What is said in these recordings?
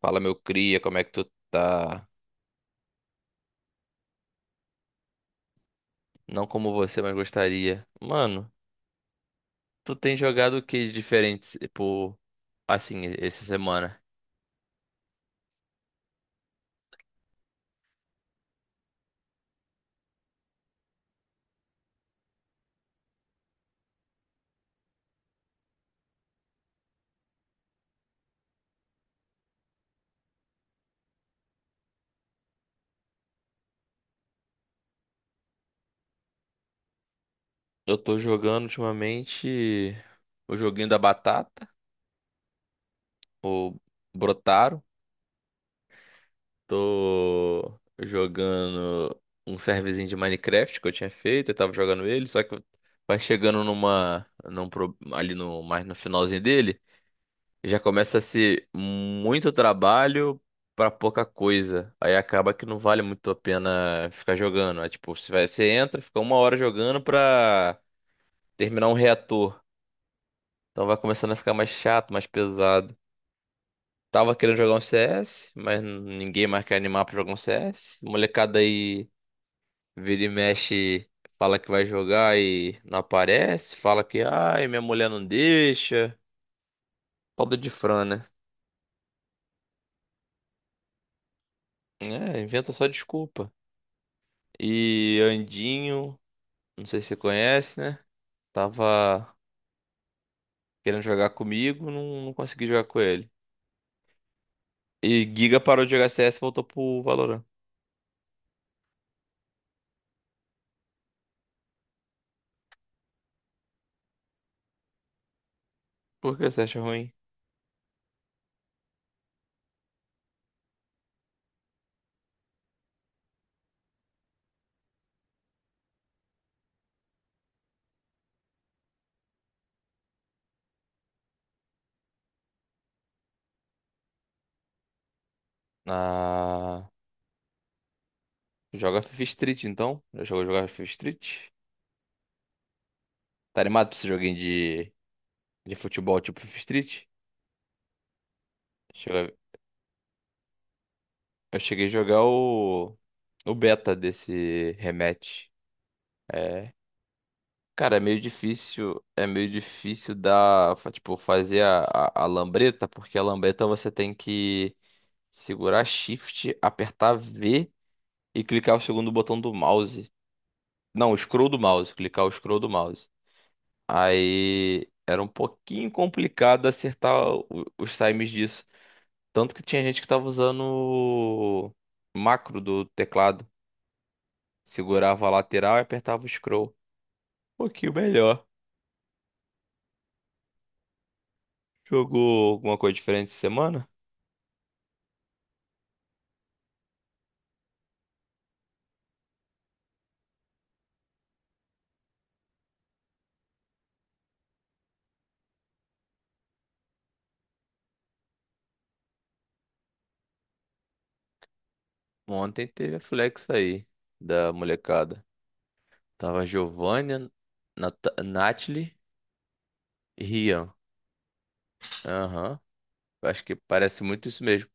Fala, meu cria, como é que tu tá? Não como você, mas gostaria. Mano, tu tem jogado o que de diferente, tipo, assim, essa semana? Eu tô jogando ultimamente o joguinho da batata, o Brotaro. Tô jogando um serverzinho de Minecraft que eu tinha feito, eu tava jogando ele, só que vai chegando numa, num, pro- ali no, mais no finalzinho dele. Já começa a ser muito trabalho pra pouca coisa. Aí acaba que não vale muito a pena ficar jogando. É tipo, você vai, você entra, fica uma hora jogando pra terminar um reator. Então vai começando a ficar mais chato, mais pesado. Tava querendo jogar um CS, mas ninguém mais quer animar pra jogar um CS. Molecada aí vira e mexe, fala que vai jogar e não aparece. Fala que, ai, minha mulher não deixa. Pobre de Fran, né? É, inventa só desculpa. E Andinho, não sei se você conhece, né? Tava querendo jogar comigo, não consegui jogar com ele. E Giga parou de jogar CS e voltou pro Valorant. Por que você acha ruim? Ah, joga FIFA Street então? Já jogou jogar FIFA Street? Tá animado pra esse joguinho de futebol tipo FIFA Street? Chega- Eu cheguei a jogar o beta desse rematch. É, Cara, é meio difícil tipo, fazer a lambreta, porque a lambreta você tem que segurar Shift, apertar V e clicar o segundo botão do mouse. Não, o scroll do mouse, clicar o scroll do mouse. Aí era um pouquinho complicado acertar o- os times disso. Tanto que tinha gente que tava usando o macro do teclado. Segurava a lateral e apertava o scroll. Um pouquinho melhor. Jogou alguma coisa diferente essa semana? Ontem teve a flex aí da molecada. Tava Giovanna, Nathalie, e Rian. Aham. Eu Acho que parece muito isso mesmo.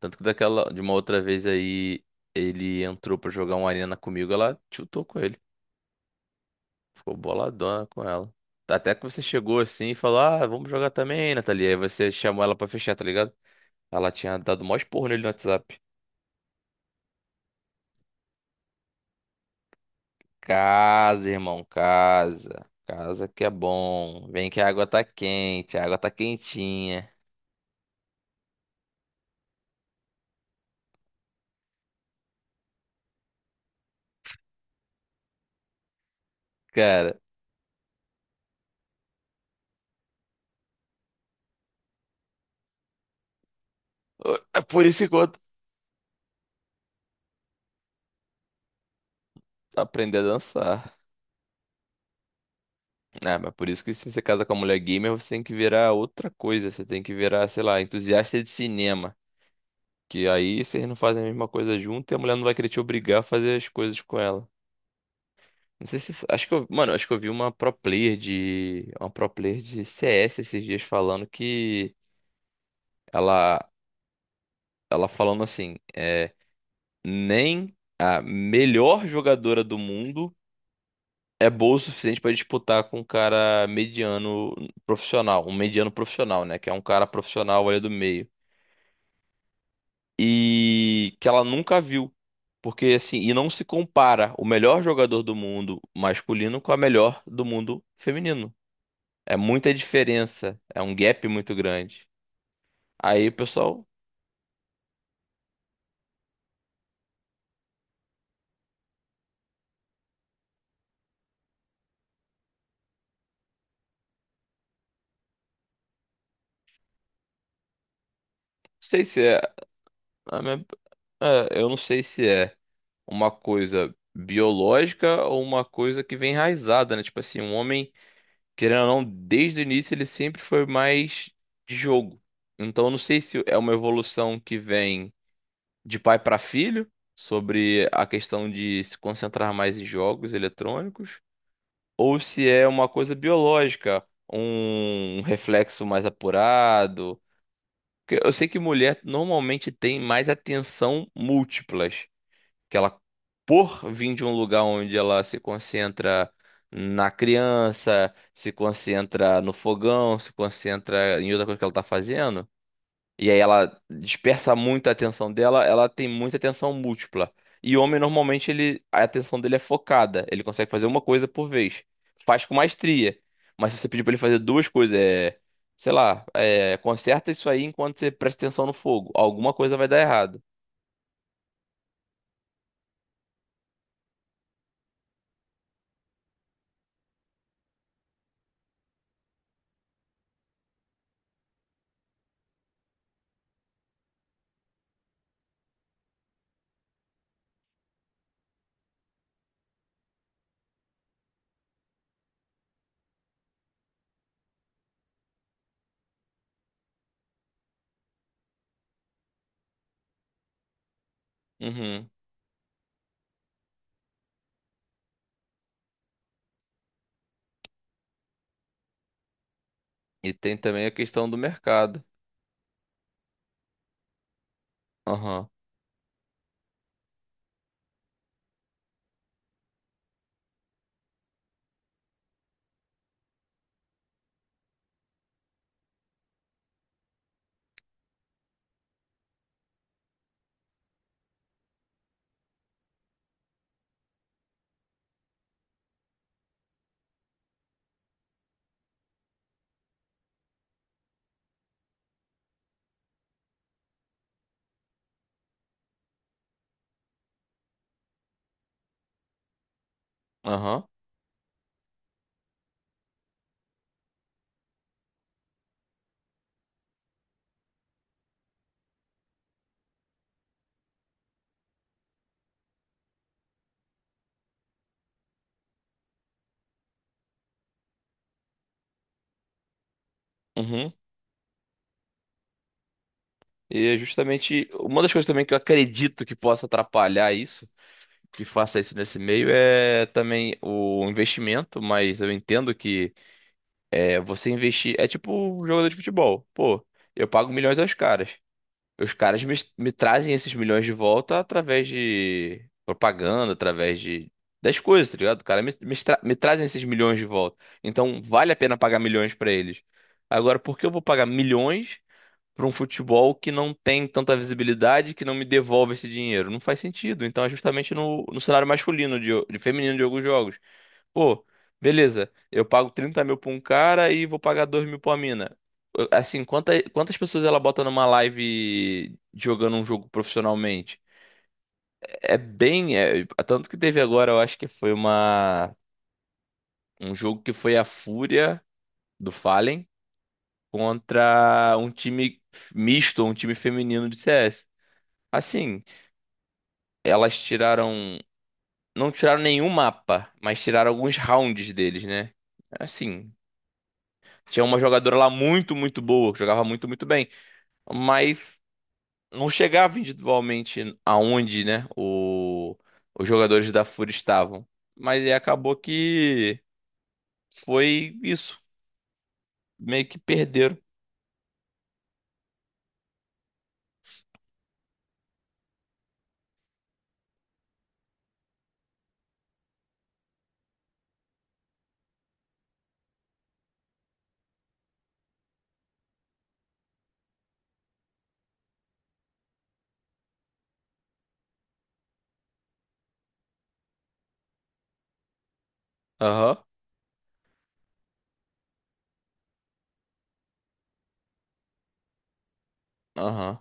Tanto que daquela, de uma outra vez aí, ele entrou pra jogar uma arena comigo, ela tiltou com ele. Ficou boladona com ela. Até que você chegou assim e falou, ah, vamos jogar também, Nathalie. Aí você chamou ela pra fechar, tá ligado? Ela tinha dado o maior esporro nele no WhatsApp. Casa, irmão, casa. Casa que é bom. Vem que a água tá quente, a água tá quentinha. Cara, ô, é por isso que eu aprendi a dançar. É, mas por isso que se você casa com a mulher gamer, você tem que virar outra coisa. Você tem que virar, sei lá, entusiasta de cinema. Que aí vocês não fazem a mesma coisa junto e a mulher não vai querer te obrigar a fazer as coisas com ela. Não sei se. Acho que eu. Mano, acho que eu vi uma pro player de. Uma pro player de CS esses dias falando que. Ela. Ela falando assim. Nem a melhor jogadora do mundo é boa o suficiente para disputar com um cara mediano profissional, um mediano profissional, né? Que é um cara profissional ali do meio. E que ela nunca viu. Porque assim, e não se compara o melhor jogador do mundo masculino com a melhor do mundo feminino. É muita diferença, é um gap muito grande. Aí, pessoal, não sei se é, é, eu não sei se é. Uma coisa biológica ou uma coisa que vem enraizada, né? Tipo assim, um homem, querendo ou não, desde o início ele sempre foi mais de jogo. Então, eu não sei se é uma evolução que vem de pai para filho, sobre a questão de se concentrar mais em jogos eletrônicos, ou se é uma coisa biológica, um reflexo mais apurado. Porque eu sei que mulher normalmente tem mais atenção múltiplas que ela, por vir de um lugar onde ela se concentra na criança, se concentra no fogão, se concentra em outra coisa que ela tá fazendo, e aí ela dispersa muito a atenção dela, ela tem muita atenção múltipla. E homem, normalmente, ele, a atenção dele é focada, ele consegue fazer uma coisa por vez. Faz com maestria. Mas se você pedir pra ele fazer duas coisas, sei lá, conserta isso aí enquanto você presta atenção no fogo. Alguma coisa vai dar errado. Uhum. E tem também a questão do mercado. Aham, aham, uhum. E é justamente uma das coisas também que eu acredito que possa atrapalhar isso, que faça isso nesse meio, é também o investimento. Mas eu entendo que você investir é tipo um jogador de futebol. Pô, eu pago milhões aos caras. Os caras me trazem esses milhões de volta através de propaganda, através de das coisas, tá ligado? O cara me trazem esses milhões de volta. Então vale a pena pagar milhões pra eles. Agora, por que eu vou pagar milhões pra um futebol que não tem tanta visibilidade, que não me devolve esse dinheiro? Não faz sentido. Então é justamente no cenário masculino de feminino de alguns jogos. Pô, beleza, eu pago 30 mil pra um cara e vou pagar 2 mil pra uma mina. Assim, quantas pessoas ela bota numa live jogando um jogo profissionalmente? É bem. É, tanto que teve agora, eu acho que foi um jogo que foi a Fúria do Fallen contra um time misto, um time feminino de CS. Assim, elas tiraram. Não tiraram nenhum mapa, mas tiraram alguns rounds deles, né? Assim. Tinha uma jogadora lá muito, muito boa, que jogava muito, muito bem. Mas não chegava individualmente aonde, né, os jogadores da FURIA estavam. Mas aí acabou que foi isso. Meio que perderam. Aham, aham,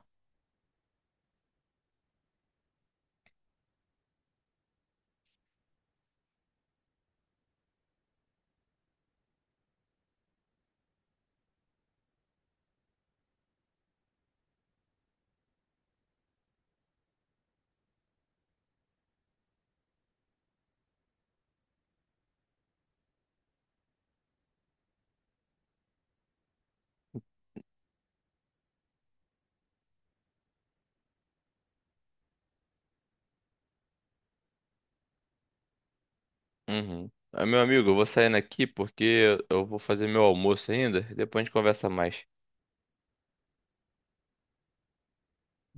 uhum. Ah, meu amigo, eu vou saindo aqui porque eu vou fazer meu almoço ainda. Depois a gente conversa mais.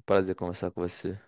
Prazer conversar com você.